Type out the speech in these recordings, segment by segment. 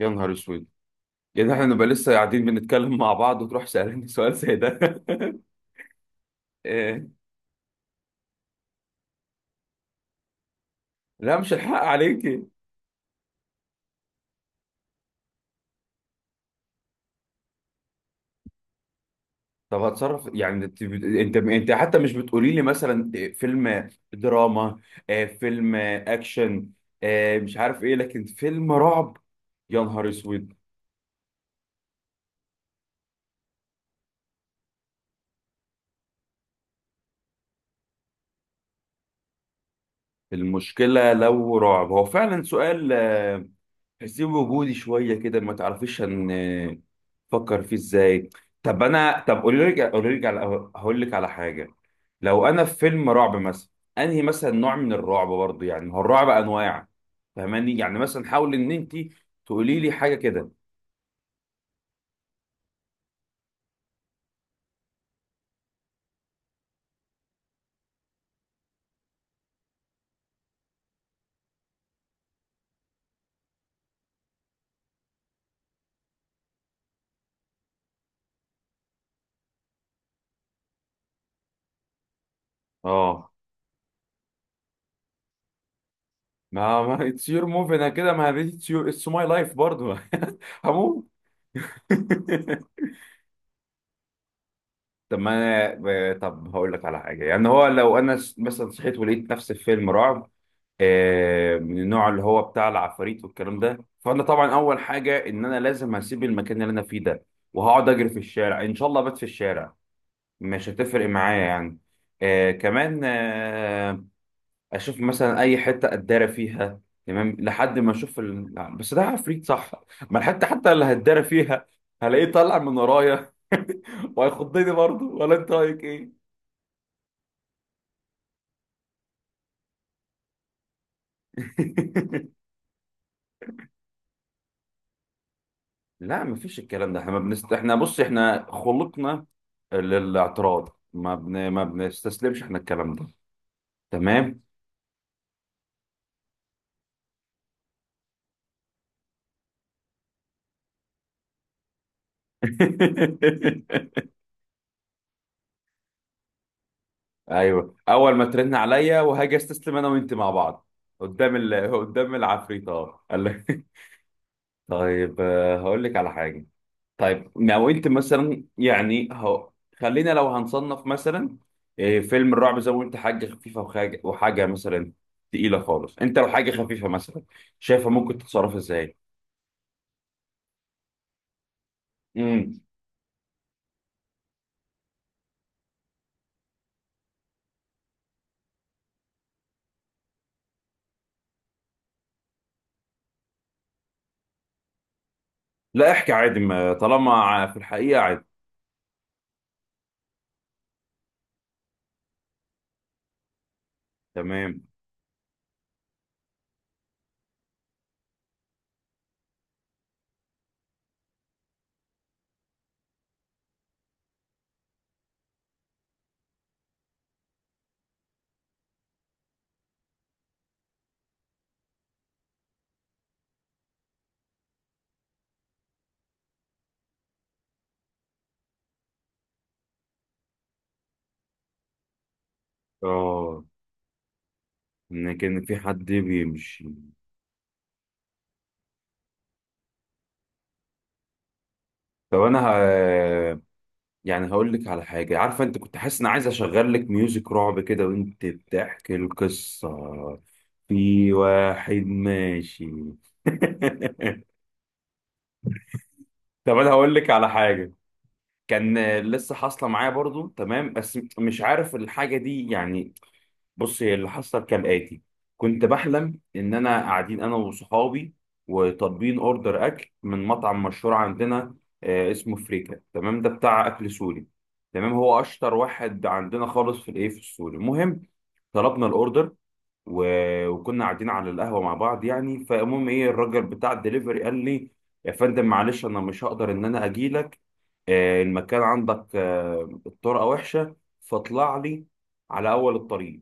يا نهار اسود! يعني احنا نبقى لسه قاعدين بنتكلم مع بعض وتروح سألني سؤال زي ده. إيه؟ لا، مش الحق عليكي. طب هتصرف. يعني انت حتى مش بتقولي لي مثلا إيه، فيلم دراما، فيلم اكشن، مش عارف ايه لكن فيلم رعب. يا نهار اسود! المشكلة لو رعب. هو فعلا سؤال، تحسيه وجودي شويه كده، ما تعرفيش ان فكر فيه ازاي. طب انا، طب قولي لي على، هقول لك على حاجه. لو انا في فيلم رعب مثلا، انهي مثلا نوع من الرعب برضه؟ يعني هو الرعب انواع، فاهماني؟ يعني مثلا حاولي ان انت تقولي لي حاجه كده. اه، ما اتس يور موف انا كده. ما اتس ماي لايف برضه. هموت. طب ما انا، هقول لك على حاجه. يعني هو لو انا مثلا صحيت ولقيت نفسي في فيلم رعب، من النوع اللي هو بتاع العفاريت والكلام ده، فانا طبعا اول حاجه ان انا لازم هسيب المكان اللي انا فيه ده، وهقعد اجري في الشارع. ان شاء الله بات في الشارع، مش هتفرق معايا يعني. كمان اشوف مثلا اي حته اتدارى فيها. تمام، لحد ما اشوف لا، بس ده عفريت صح، ما الحته حتى اللي هتدارى فيها هلاقيه طالع من ورايا. وهيخضني برضه، ولا انت رايك ايه؟ لا، مفيش الكلام ده. احنا ما بنست... احنا بص، احنا خلقنا للاعتراض، ما بنستسلمش احنا. الكلام ده تمام. ايوه، اول ما ترن عليا وهاجي استسلم انا وانت مع بعض قدام قدام العفريت، اه قال لك. طيب، هقول لك على حاجه. طيب لو انت مثلا، يعني هو خلينا لو هنصنف مثلا، فيلم الرعب زي ما قلت حاجه خفيفه وحاجه مثلا تقيله خالص. انت لو حاجه خفيفه مثلا شايفه ممكن تتصرف ازاي؟ امم. لا، احكي عادي ما طالما في الحقيقه عادي. تمام. اه، ان كان في حد بيمشي. طب انا يعني هقول لك على حاجة. عارفة، انت كنت حاسس ان عايز اشغل لك ميوزك رعب كده وانت بتحكي القصة، في واحد ماشي. طب انا هقول لك على حاجة. كان لسه حاصلة معايا برضو، تمام، بس مش عارف الحاجة دي يعني. بص، هي اللي حصل كالآتي. كنت بحلم إن أنا قاعدين أنا وصحابي، وطالبين أوردر أكل من مطعم مشهور عندنا، اسمه فريكا. تمام، ده بتاع أكل سوري. تمام، هو أشطر واحد عندنا خالص في الإيه في السوري. المهم طلبنا الأوردر، وكنا قاعدين على القهوة مع بعض يعني. فالمهم الراجل بتاع الدليفري قال لي: يا فندم معلش، أنا مش هقدر إن أنا أجيلك. المكان عندك، الطرقة وحشة، فاطلع لي على أول الطريق.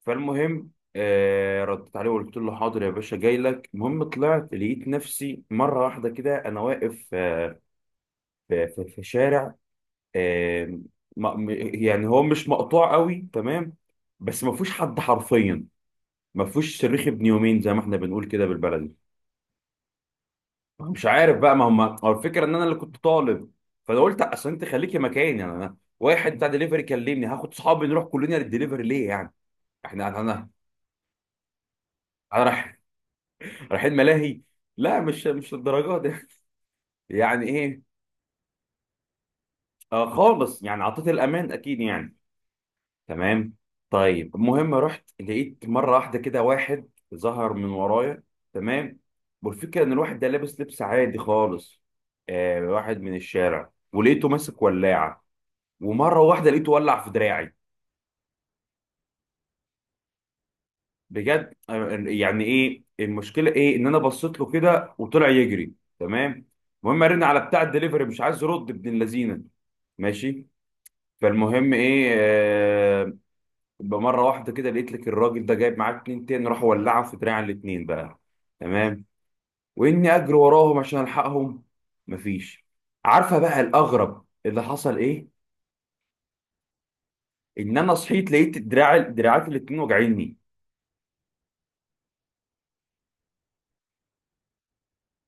فالمهم ردت عليه وقلت له: حاضر يا باشا، جاي لك. المهم طلعت لقيت نفسي مره واحده كده انا واقف، في شارع، آه م- م- يعني هو مش مقطوع قوي، تمام، بس ما فيهوش حد حرفيا، ما فيهوش صريخ ابن يومين زي ما احنا بنقول كده بالبلدي. مش عارف بقى، ما هم هو الفكره ان انا اللي كنت طالب. فانا قلت: اصل انت خليكي مكاني يعني، انا واحد بتاع دليفري كلمني هاخد صحابي نروح كلنا للدليفري ليه يعني؟ احنا انا رايحين ملاهي؟ لا، مش للدرجه دي. يعني ايه؟ خالص يعني عطيت الامان اكيد يعني. تمام. طيب المهم رحت لقيت مره واحده كده واحد ظهر من ورايا. تمام، والفكره ان الواحد ده لابس لبس عادي خالص، واحد من الشارع، ولقيته ماسك ولاعه ومره واحده لقيته ولع في دراعي. بجد. يعني ايه المشكله؟ ايه ان انا بصيت له كده وطلع يجري. تمام، المهم رن على بتاع الدليفري مش عايز يرد ابن اللذينه ماشي. فالمهم ايه آه بمره واحده كده لقيت لك الراجل ده جايب معاه اتنين تاني، راح ولعهم في دراع الاتنين بقى. تمام، واني اجري وراهم عشان الحقهم، مفيش. عارفه بقى الاغرب اللي حصل ايه؟ ان انا صحيت لقيت دراعات الاتنين واجعيني.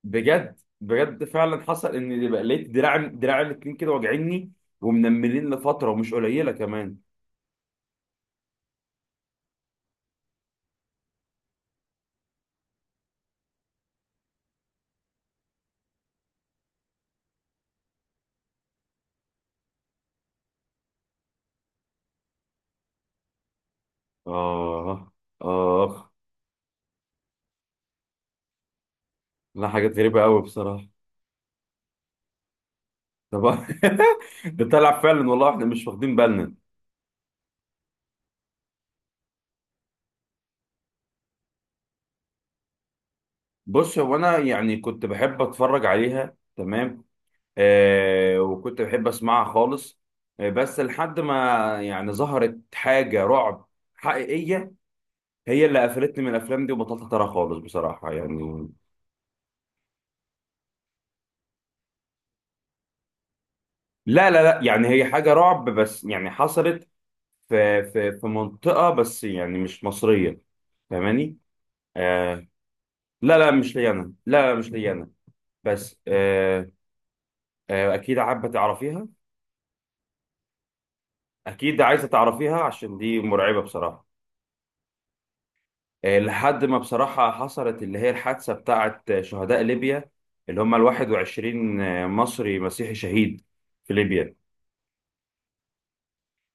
بجد بجد، فعلا حصل ان بقى لقيت دراع دراع الاتنين كده واجعيني ومنملين لفتره ومش قليله كمان. اه. اه. لا، حاجات غريبه قوي بصراحه. طب، ده طلع فعلا والله احنا مش واخدين بالنا. بص، هو انا يعني كنت بحب اتفرج عليها، تمام. وكنت بحب اسمعها خالص. بس لحد ما يعني ظهرت حاجة رعب حقيقية، هي اللي قفلتني من الافلام دي وبطلت اتابعها خالص بصراحة يعني. لا لا لا، يعني هي حاجة رعب بس يعني حصلت في منطقة، بس يعني مش مصرية، فاهماني؟ آه لا لا مش ليا انا، لا لا مش ليا انا، بس اكيد حابه تعرفيها، اكيد عايزه تعرفيها عشان دي مرعبه بصراحه. لحد ما بصراحه حصلت اللي هي الحادثه بتاعه شهداء ليبيا، اللي هم ال 21 مصري مسيحي شهيد في ليبيا.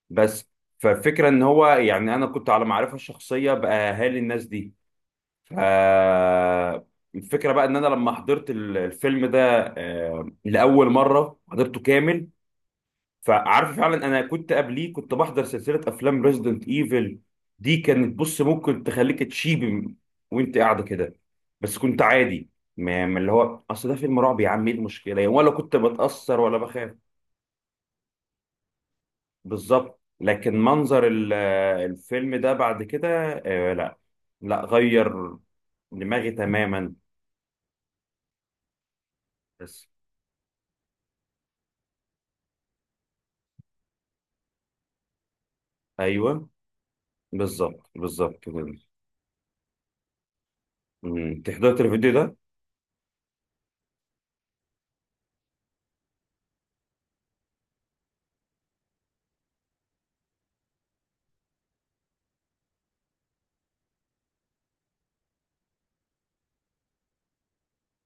بس، فالفكره ان هو يعني انا كنت على معرفه الشخصيه باهالي الناس دي. ف الفكره بقى ان انا لما حضرت الفيلم ده، لاول مره حضرته كامل، فعارف. فعلا انا كنت قبليه كنت بحضر سلسله افلام ريزيدنت ايفل. دي كانت، بص، ممكن تخليك تشيب وانت قاعده كده، بس كنت عادي. ما اللي هو اصل ده فيلم رعب يا عم، ايه المشكله يعني، ولا كنت بتاثر ولا بخاف. بالظبط، لكن منظر الفيلم ده بعد كده، لا لا، غير دماغي تماما. بس ايوه، بالظبط بالظبط كده. انت حضرت الفيديو ده؟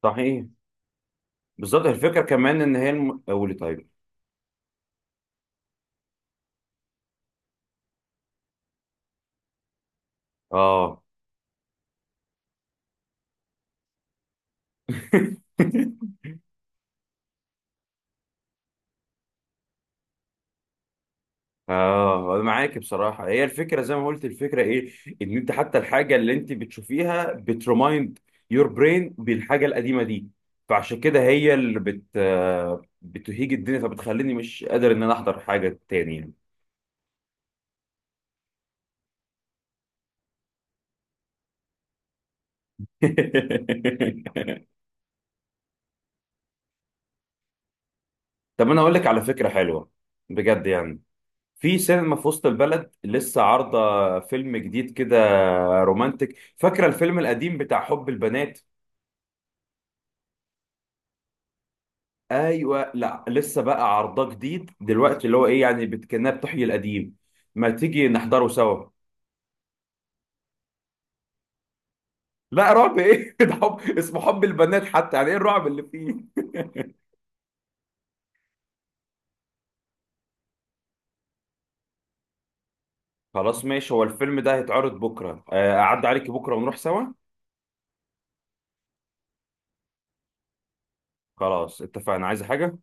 صحيح، بالظبط. الفكره كمان ان هي قولي طيب. اه. اه، انا معاك بصراحه. هي الفكره زي ما قلت، الفكره ايه؟ ان انت حتى الحاجه اللي انت بتشوفيها بترمايند يور برين بالحاجه القديمه دي. فعشان كده هي اللي بت آه، بتهيج الدنيا، فبتخليني مش قادر ان انا احضر حاجه تاني يعني. طب انا اقول لك على فكره حلوه، بجد يعني. في سينما في وسط البلد لسه عارضه فيلم جديد كده رومانتك. فاكره الفيلم القديم بتاع حب البنات؟ ايوه، لا لسه بقى عرضه جديد دلوقتي، اللي هو ايه يعني، كأنها بتحيي القديم. ما تيجي نحضره سوا؟ لا رعب ايه؟ ده حب، اسمه حب البنات حتى، يعني ايه الرعب اللي فيه؟ خلاص ماشي، هو الفيلم ده هيتعرض بكره، اعدي عليك بكره ونروح سوا. خلاص اتفقنا. عايز حاجه؟